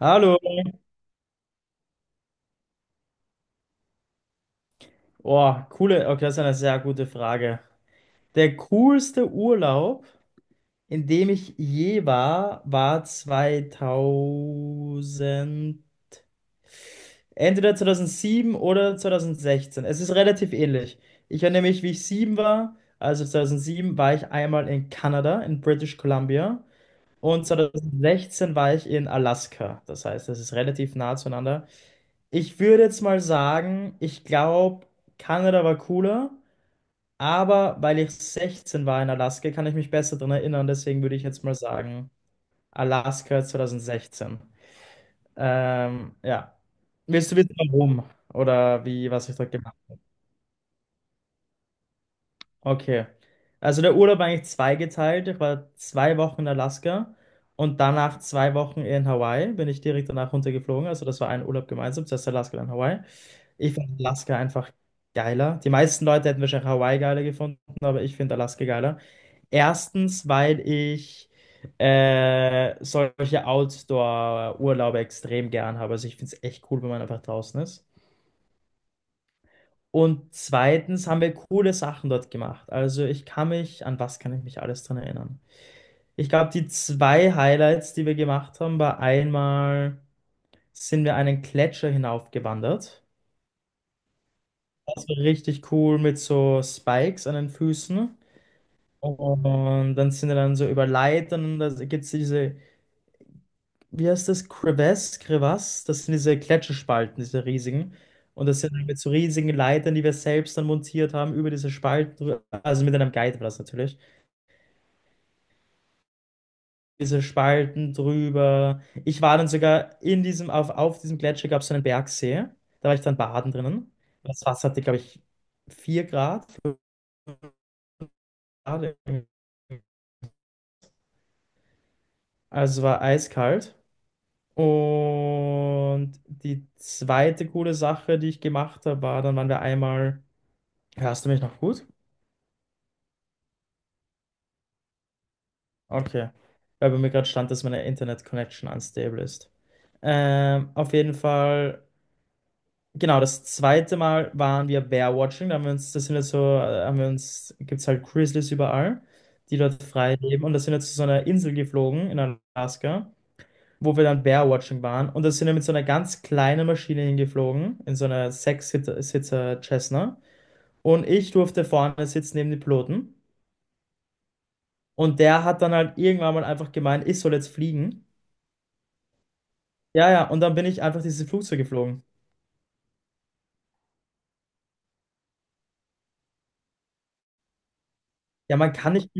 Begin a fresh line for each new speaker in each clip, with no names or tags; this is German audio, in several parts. Hallo. Oh, coole. Okay, das ist eine sehr gute Frage. Der coolste Urlaub, in dem ich je war, war 2000, entweder 2007 oder 2016. Es ist relativ ähnlich. Ich erinnere mich, wie ich 7 war. Also 2007 war ich einmal in Kanada, in British Columbia. Und 2016 war ich in Alaska. Das heißt, es ist relativ nah zueinander. Ich würde jetzt mal sagen, ich glaube, Kanada war cooler. Aber weil ich 16 war in Alaska, kann ich mich besser daran erinnern. Deswegen würde ich jetzt mal sagen, Alaska 2016. Ja. Willst du wissen, warum? Oder wie, was ich dort gemacht habe? Okay. Also der Urlaub war eigentlich zweigeteilt. Ich war 2 Wochen in Alaska und danach 2 Wochen in Hawaii. Bin ich direkt danach runtergeflogen. Also das war ein Urlaub gemeinsam, zuerst Alaska, dann Hawaii. Ich fand Alaska einfach geiler. Die meisten Leute hätten wahrscheinlich Hawaii geiler gefunden, aber ich finde Alaska geiler. Erstens, weil ich solche Outdoor-Urlaube extrem gern habe. Also ich finde es echt cool, wenn man einfach draußen ist. Und zweitens haben wir coole Sachen dort gemacht. Also ich kann mich, an was kann ich mich alles dran erinnern? Ich glaube, die zwei Highlights, die wir gemacht haben, war einmal sind wir einen Gletscher hinaufgewandert. Das war richtig cool mit so Spikes an den Füßen. Und dann sind wir dann so über Leitern und da gibt es diese, wie heißt das? Crevasse, Crevasse, das sind diese Gletscherspalten, diese riesigen. Und das sind mit so riesigen Leitern, die wir selbst dann montiert haben, über diese Spalten drüber, also mit einem Guide war das natürlich. Diese Spalten drüber. Ich war dann sogar in diesem, auf diesem Gletscher gab es so einen Bergsee. Da war ich dann baden drinnen. Das Wasser hatte, glaube ich, 4 Grad, 5 Grad. Also war eiskalt. Und die zweite coole Sache, die ich gemacht habe, war, dann waren wir einmal. Hörst du mich noch gut? Okay. Weil bei mir gerade stand, dass meine Internet-Connection unstable ist. Auf jeden Fall, genau, das zweite Mal waren wir Bear-Watching. Da haben wir uns, das sind jetzt so, haben wir uns, gibt es halt Grizzlies überall, die dort frei leben. Und da sind wir zu so einer Insel geflogen in Alaska, wo wir dann Bear-Watching waren. Und da sind wir mit so einer ganz kleinen Maschine hingeflogen, in so einer Sechs-Sitzer Cessna. Und ich durfte vorne sitzen neben den Piloten. Und der hat dann halt irgendwann mal einfach gemeint, ich soll jetzt fliegen. Ja, ja, und dann bin ich einfach dieses Flugzeug geflogen. Ja, man kann nicht.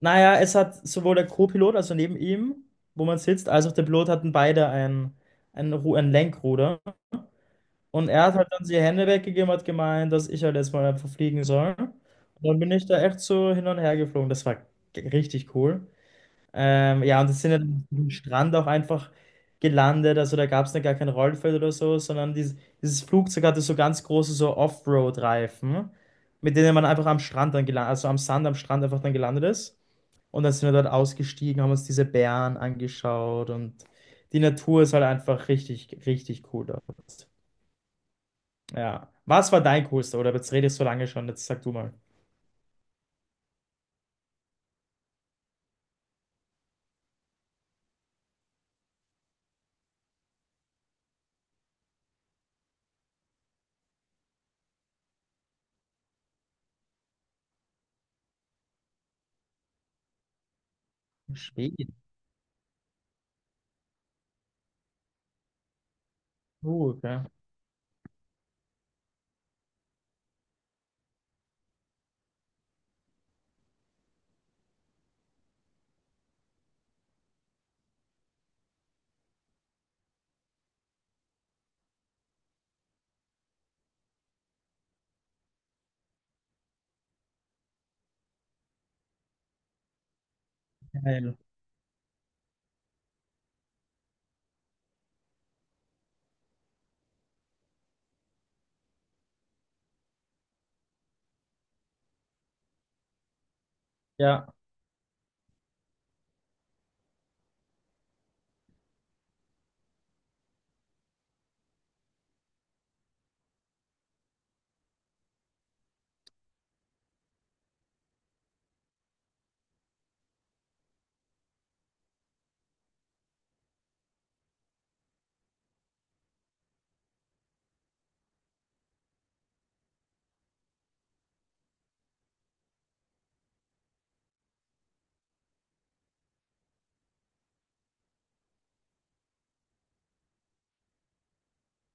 Naja, es hat sowohl der Co-Pilot, also neben ihm, wo man sitzt, als auch der Pilot hatten beide ein Lenkruder. Und er hat halt dann die Hände weggegeben und hat gemeint, dass ich halt jetzt mal einfach fliegen soll. Und dann bin ich da echt so hin und her geflogen. Das war richtig cool. Ja, und das sind ja dann am Strand auch einfach gelandet. Also da gab es dann gar kein Rollfeld oder so, sondern dieses, dieses Flugzeug hatte so ganz große so Offroad-Reifen, mit denen man einfach am Strand dann gelandet, also am Sand am Strand einfach dann gelandet ist. Und dann sind wir dort ausgestiegen, haben uns diese Bären angeschaut und die Natur ist halt einfach richtig, richtig cool dort. Ja. Was war dein coolster? Oder jetzt redest du so lange schon, jetzt sag du mal. Schweden. Okay. Geil. Ja.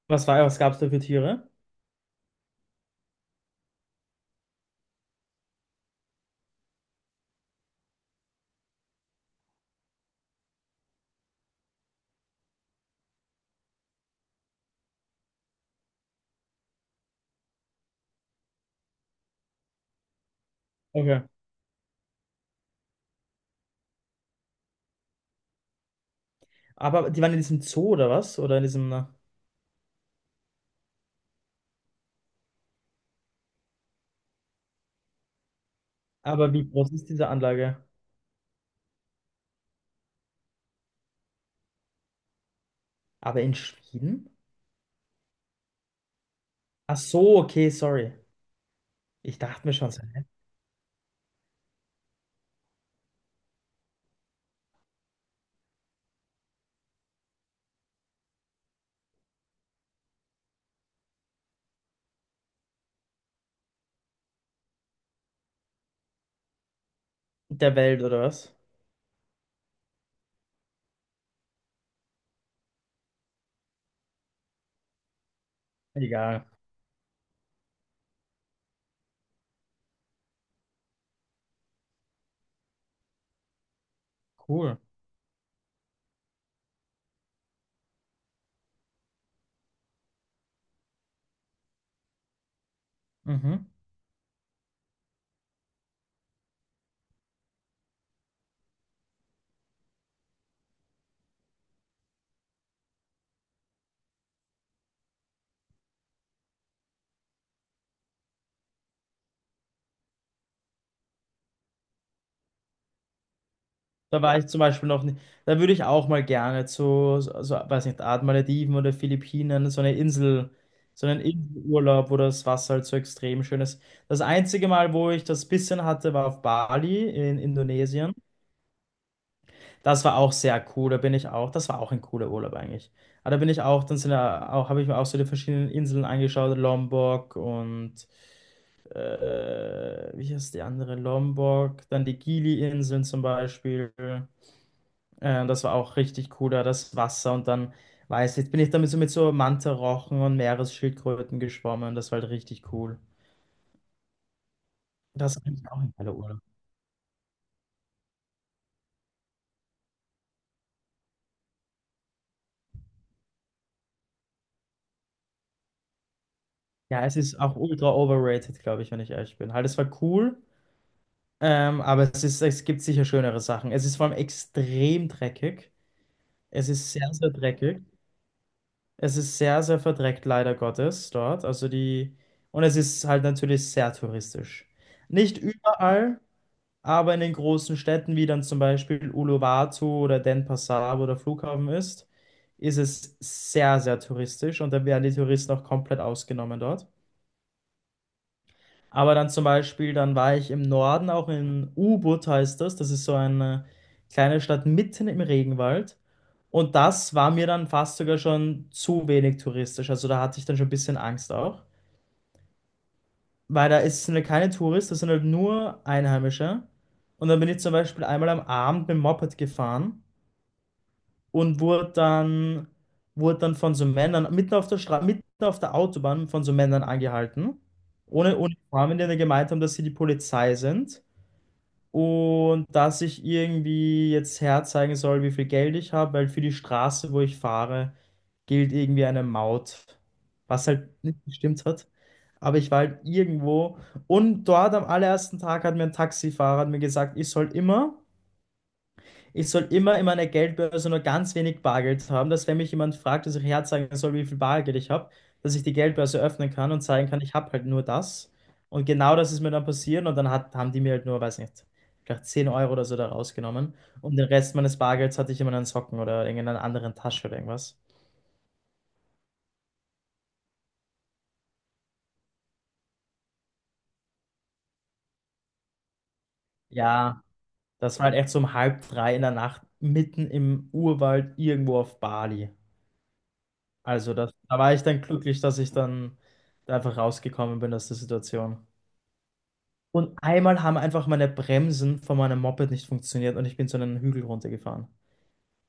Was war, was gab es da für Tiere? Okay. Aber die waren in diesem Zoo oder was? Oder in diesem. Aber wie groß ist diese Anlage? Aber in Schweden? Ach so, okay, sorry. Ich dachte mir schon, es ist der Welt oder was? Egal. Cool. Mhm. Da war ich zum Beispiel noch nicht. Da würde ich auch mal gerne zu, so, so, weiß nicht, Art Malediven oder Philippinen, so eine Insel, so einen Inselurlaub, wo das Wasser halt so extrem schön ist. Das einzige Mal, wo ich das bisschen hatte, war auf Bali in Indonesien. Das war auch sehr cool, da bin ich auch, das war auch ein cooler Urlaub eigentlich. Aber da bin ich auch, dann sind da auch, habe ich mir auch so die verschiedenen Inseln angeschaut, Lombok und wie heißt die andere? Lombok, dann die Gili-Inseln zum Beispiel. Das war auch richtig cool, da das Wasser und dann, weiß ich, jetzt bin ich damit so mit so Mantarochen und Meeresschildkröten geschwommen, das war halt richtig cool. Das ist eigentlich auch ein geiler Urlaub. Ja, es ist auch ultra overrated, glaube ich, wenn ich ehrlich bin. Halt, es war cool. Aber es ist, es gibt sicher schönere Sachen. Es ist vor allem extrem dreckig. Es ist sehr, sehr dreckig. Es ist sehr, sehr verdreckt, leider Gottes, dort. Also die, und es ist halt natürlich sehr touristisch. Nicht überall, aber in den großen Städten, wie dann zum Beispiel Uluwatu oder Denpasar, wo der Flughafen ist, ist es sehr, sehr touristisch und da werden die Touristen auch komplett ausgenommen dort. Aber dann zum Beispiel, dann war ich im Norden, auch in Ubud heißt das. Das ist so eine kleine Stadt mitten im Regenwald. Und das war mir dann fast sogar schon zu wenig touristisch. Also da hatte ich dann schon ein bisschen Angst auch. Weil da ist, sind halt keine Touristen, das sind halt nur Einheimische. Und dann bin ich zum Beispiel einmal am Abend mit dem Moped gefahren und wurde dann von so Männern mitten auf der Straße, mitten auf der Autobahn von so Männern angehalten. Ohne Uniform, die dann gemeint haben, dass sie die Polizei sind. Und dass ich irgendwie jetzt herzeigen soll, wie viel Geld ich habe, weil für die Straße, wo ich fahre, gilt irgendwie eine Maut, was halt nicht gestimmt hat. Aber ich war halt irgendwo und dort am allerersten Tag hat mir ein Taxifahrer hat mir gesagt, ich soll immer in meiner Geldbörse nur ganz wenig Bargeld haben, dass wenn mich jemand fragt, dass ich herzeigen soll, wie viel Bargeld ich habe, dass ich die Geldbörse öffnen kann und zeigen kann, ich habe halt nur das. Und genau das ist mir dann passiert und dann haben die mir halt nur, weiß nicht, vielleicht 10 Euro oder so da rausgenommen. Und den Rest meines Bargelds hatte ich immer in meinen Socken oder in einer anderen Tasche oder irgendwas. Ja, das war halt echt so um halb drei in der Nacht, mitten im Urwald, irgendwo auf Bali. Also das, da war ich dann glücklich, dass ich dann da einfach rausgekommen bin aus der Situation. Und einmal haben einfach meine Bremsen von meinem Moped nicht funktioniert und ich bin so einen Hügel runtergefahren.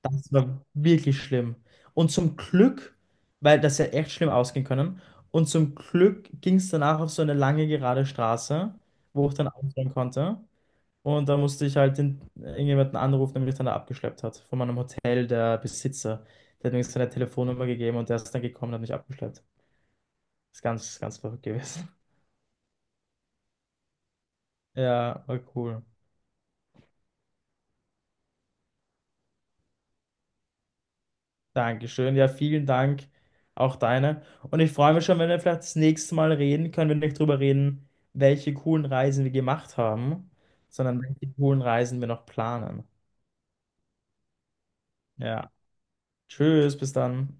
Das war wirklich schlimm. Und zum Glück, weil das ja echt schlimm ausgehen können, und zum Glück ging es danach auf so eine lange gerade Straße, wo ich dann ausfahren konnte. Und da musste ich halt den, irgendjemanden anrufen, der mich dann da abgeschleppt hat. Von meinem Hotel, der Besitzer. Der hat mir seine Telefonnummer gegeben und der ist dann gekommen und hat mich abgeschleppt. Ist ganz, ganz verrückt gewesen. Ja, war cool. Dankeschön. Ja, vielen Dank. Auch deine. Und ich freue mich schon, wenn wir vielleicht das nächste Mal reden können, wenn wir nicht drüber reden, welche coolen Reisen wir gemacht haben, sondern welche coolen Reisen wir noch planen. Ja. Tschüss, bis dann.